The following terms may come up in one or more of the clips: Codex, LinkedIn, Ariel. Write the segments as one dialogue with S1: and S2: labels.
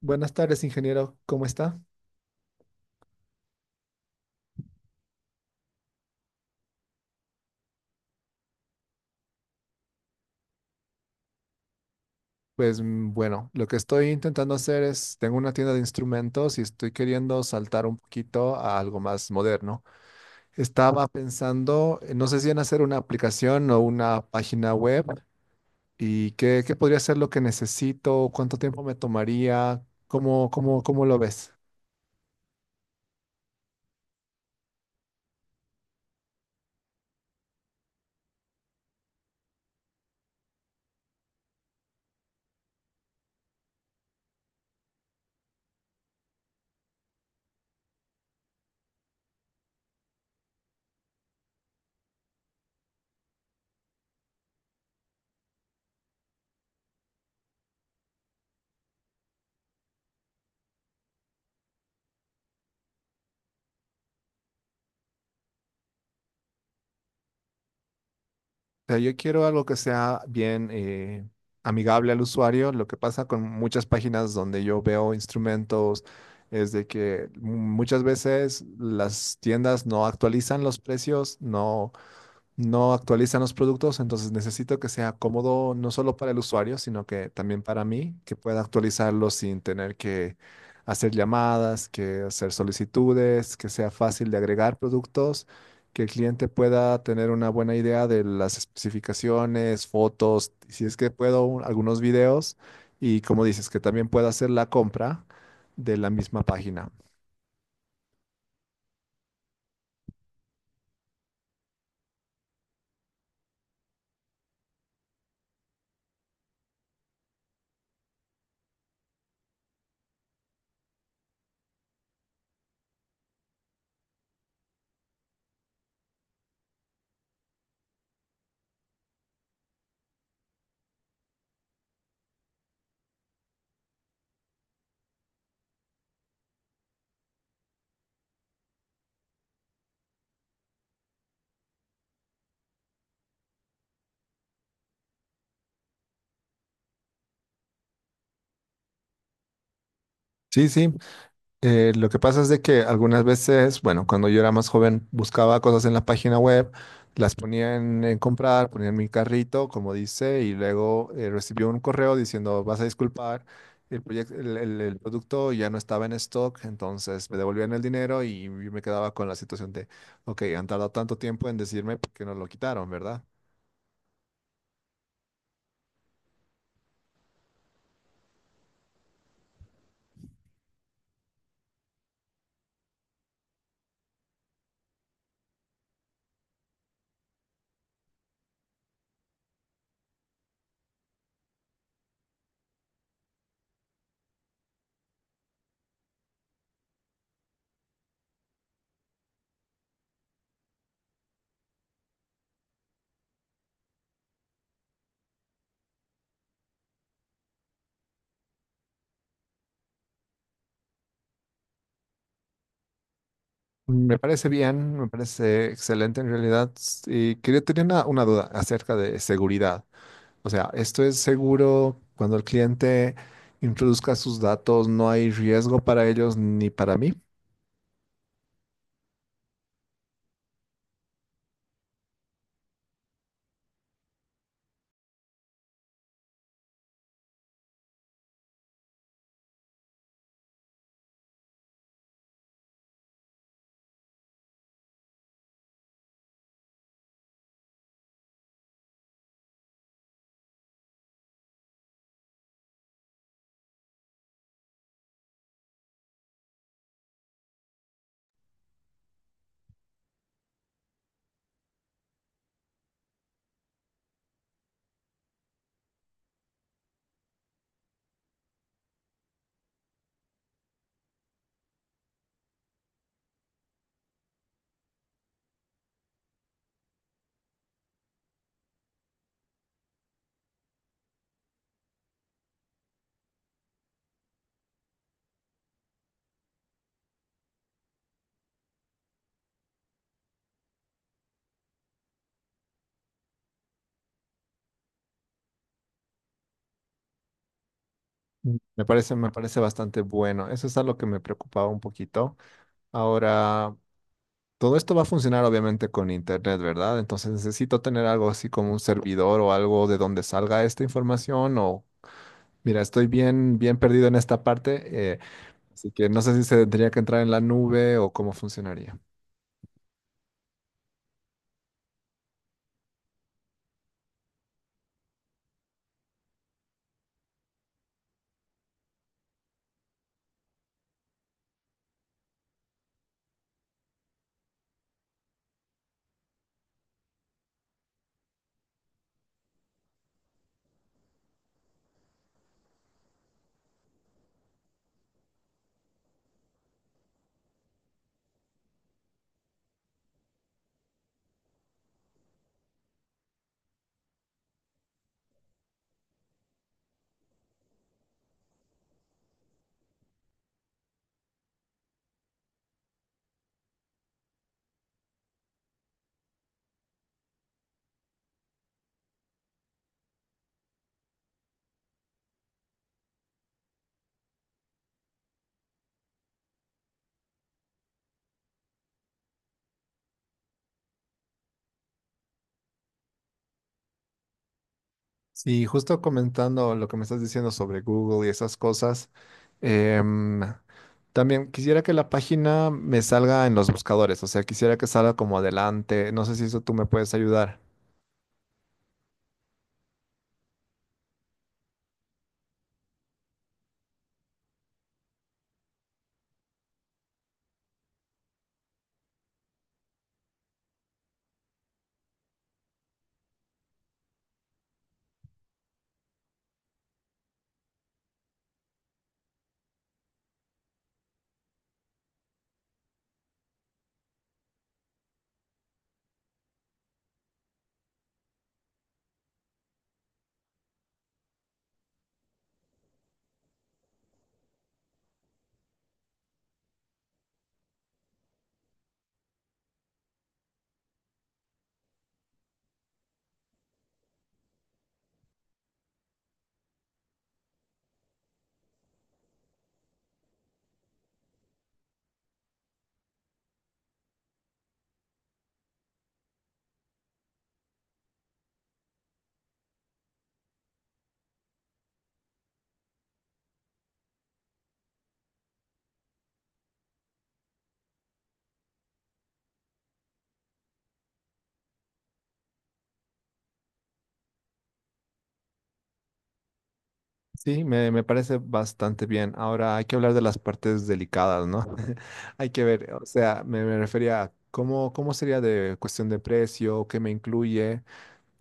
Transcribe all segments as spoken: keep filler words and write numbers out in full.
S1: Buenas tardes, ingeniero. ¿Cómo está? Pues mm, bueno, lo que estoy intentando hacer es, tengo una tienda de instrumentos y estoy queriendo saltar un poquito a algo más moderno. Estaba pensando, eh, no sé si en hacer una aplicación o una página web y qué, qué podría ser lo que necesito, cuánto tiempo me tomaría, cómo, cómo, cómo lo ves. Sea, yo quiero algo que sea bien eh, amigable al usuario. Lo que pasa con muchas páginas donde yo veo instrumentos es de que mm, muchas veces las tiendas no actualizan los precios, no, no actualizan los productos, entonces necesito que sea cómodo no solo para el usuario, sino que también para mí, que pueda actualizarlo sin tener que hacer llamadas, que hacer solicitudes, que sea fácil de agregar productos, que el cliente pueda tener una buena idea de las especificaciones, fotos, si es que puedo, un- algunos videos y como dices, que también pueda hacer la compra de la misma página. Sí, sí, Eh, lo que pasa es de que algunas veces, bueno, cuando yo era más joven, buscaba cosas en la página web, las ponía en, en comprar, ponía en mi carrito, como dice, y luego eh, recibí un correo diciendo, vas a disculpar, el, proyec- el, el- el producto ya no estaba en stock, entonces me devolvían el dinero y yo me quedaba con la situación de, ok, han tardado tanto tiempo en decirme por qué no lo quitaron, ¿verdad? Me parece bien, me parece excelente en realidad. Y quería tener una, una duda acerca de seguridad. O sea, esto es seguro cuando el cliente introduzca sus datos, no hay riesgo para ellos ni para mí. Mm. Me parece, me parece bastante bueno. Eso es algo que me preocupaba un poquito. Ahora, todo esto va a funcionar obviamente con internet, ¿verdad? Entonces necesito tener algo así como un servidor o algo de donde salga esta información o mira, estoy bien, bien perdido en esta parte, eh, así que no sé si se tendría que entrar en la nube o cómo funcionaría. Sí, justo comentando lo que me estás diciendo sobre Google y esas cosas, em, también quisiera que la página me salga en los buscadores, o sea, quisiera que salga como adelante, no sé si eso tú me puedes ayudar. Sí, me, me parece bastante bien. Ahora hay que hablar de las partes delicadas, ¿no? Hay que ver, o sea, me, me refería a cómo, cómo sería de cuestión de precio, qué me incluye.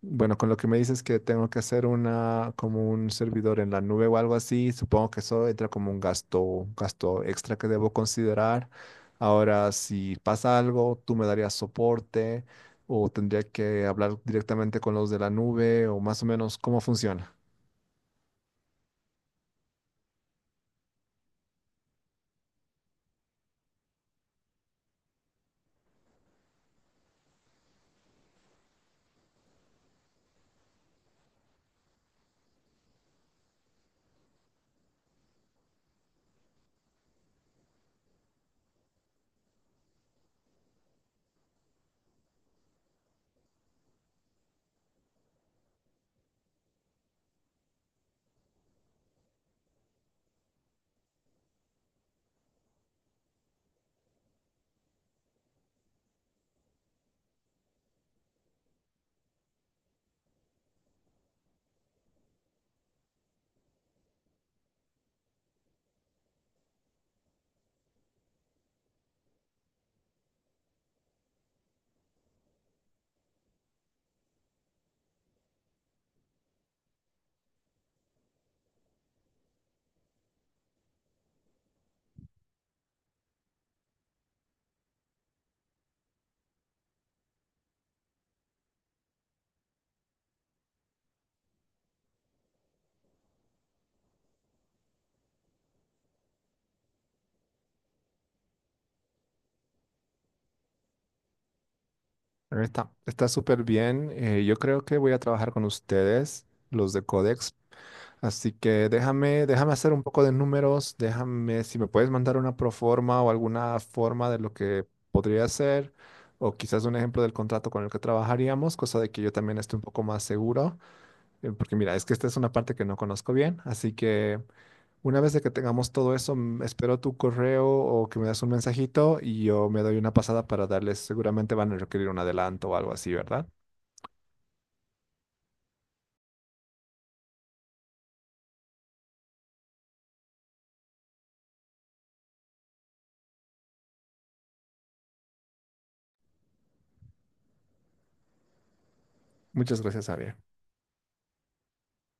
S1: Bueno, con lo que me dices que tengo que hacer una como un servidor en la nube o algo así, supongo que eso entra como un gasto, un gasto extra que debo considerar. Ahora, si pasa algo, tú me darías soporte o tendría que hablar directamente con los de la nube o más o menos cómo funciona. Está, está súper bien. Eh, yo creo que voy a trabajar con ustedes, los de Codex. Así que déjame, déjame hacer un poco de números, déjame si me puedes mandar una proforma o alguna forma de lo que podría ser, o quizás un ejemplo del contrato con el que trabajaríamos, cosa de que yo también esté un poco más seguro, eh, porque mira, es que esta es una parte que no conozco bien, así que una vez de que tengamos todo eso, mm, espero tu correo o que me das un mensajito y yo me doy una pasada para darles, seguramente van a requerir un adelanto o algo así, ¿verdad? Muchas gracias, Ariel.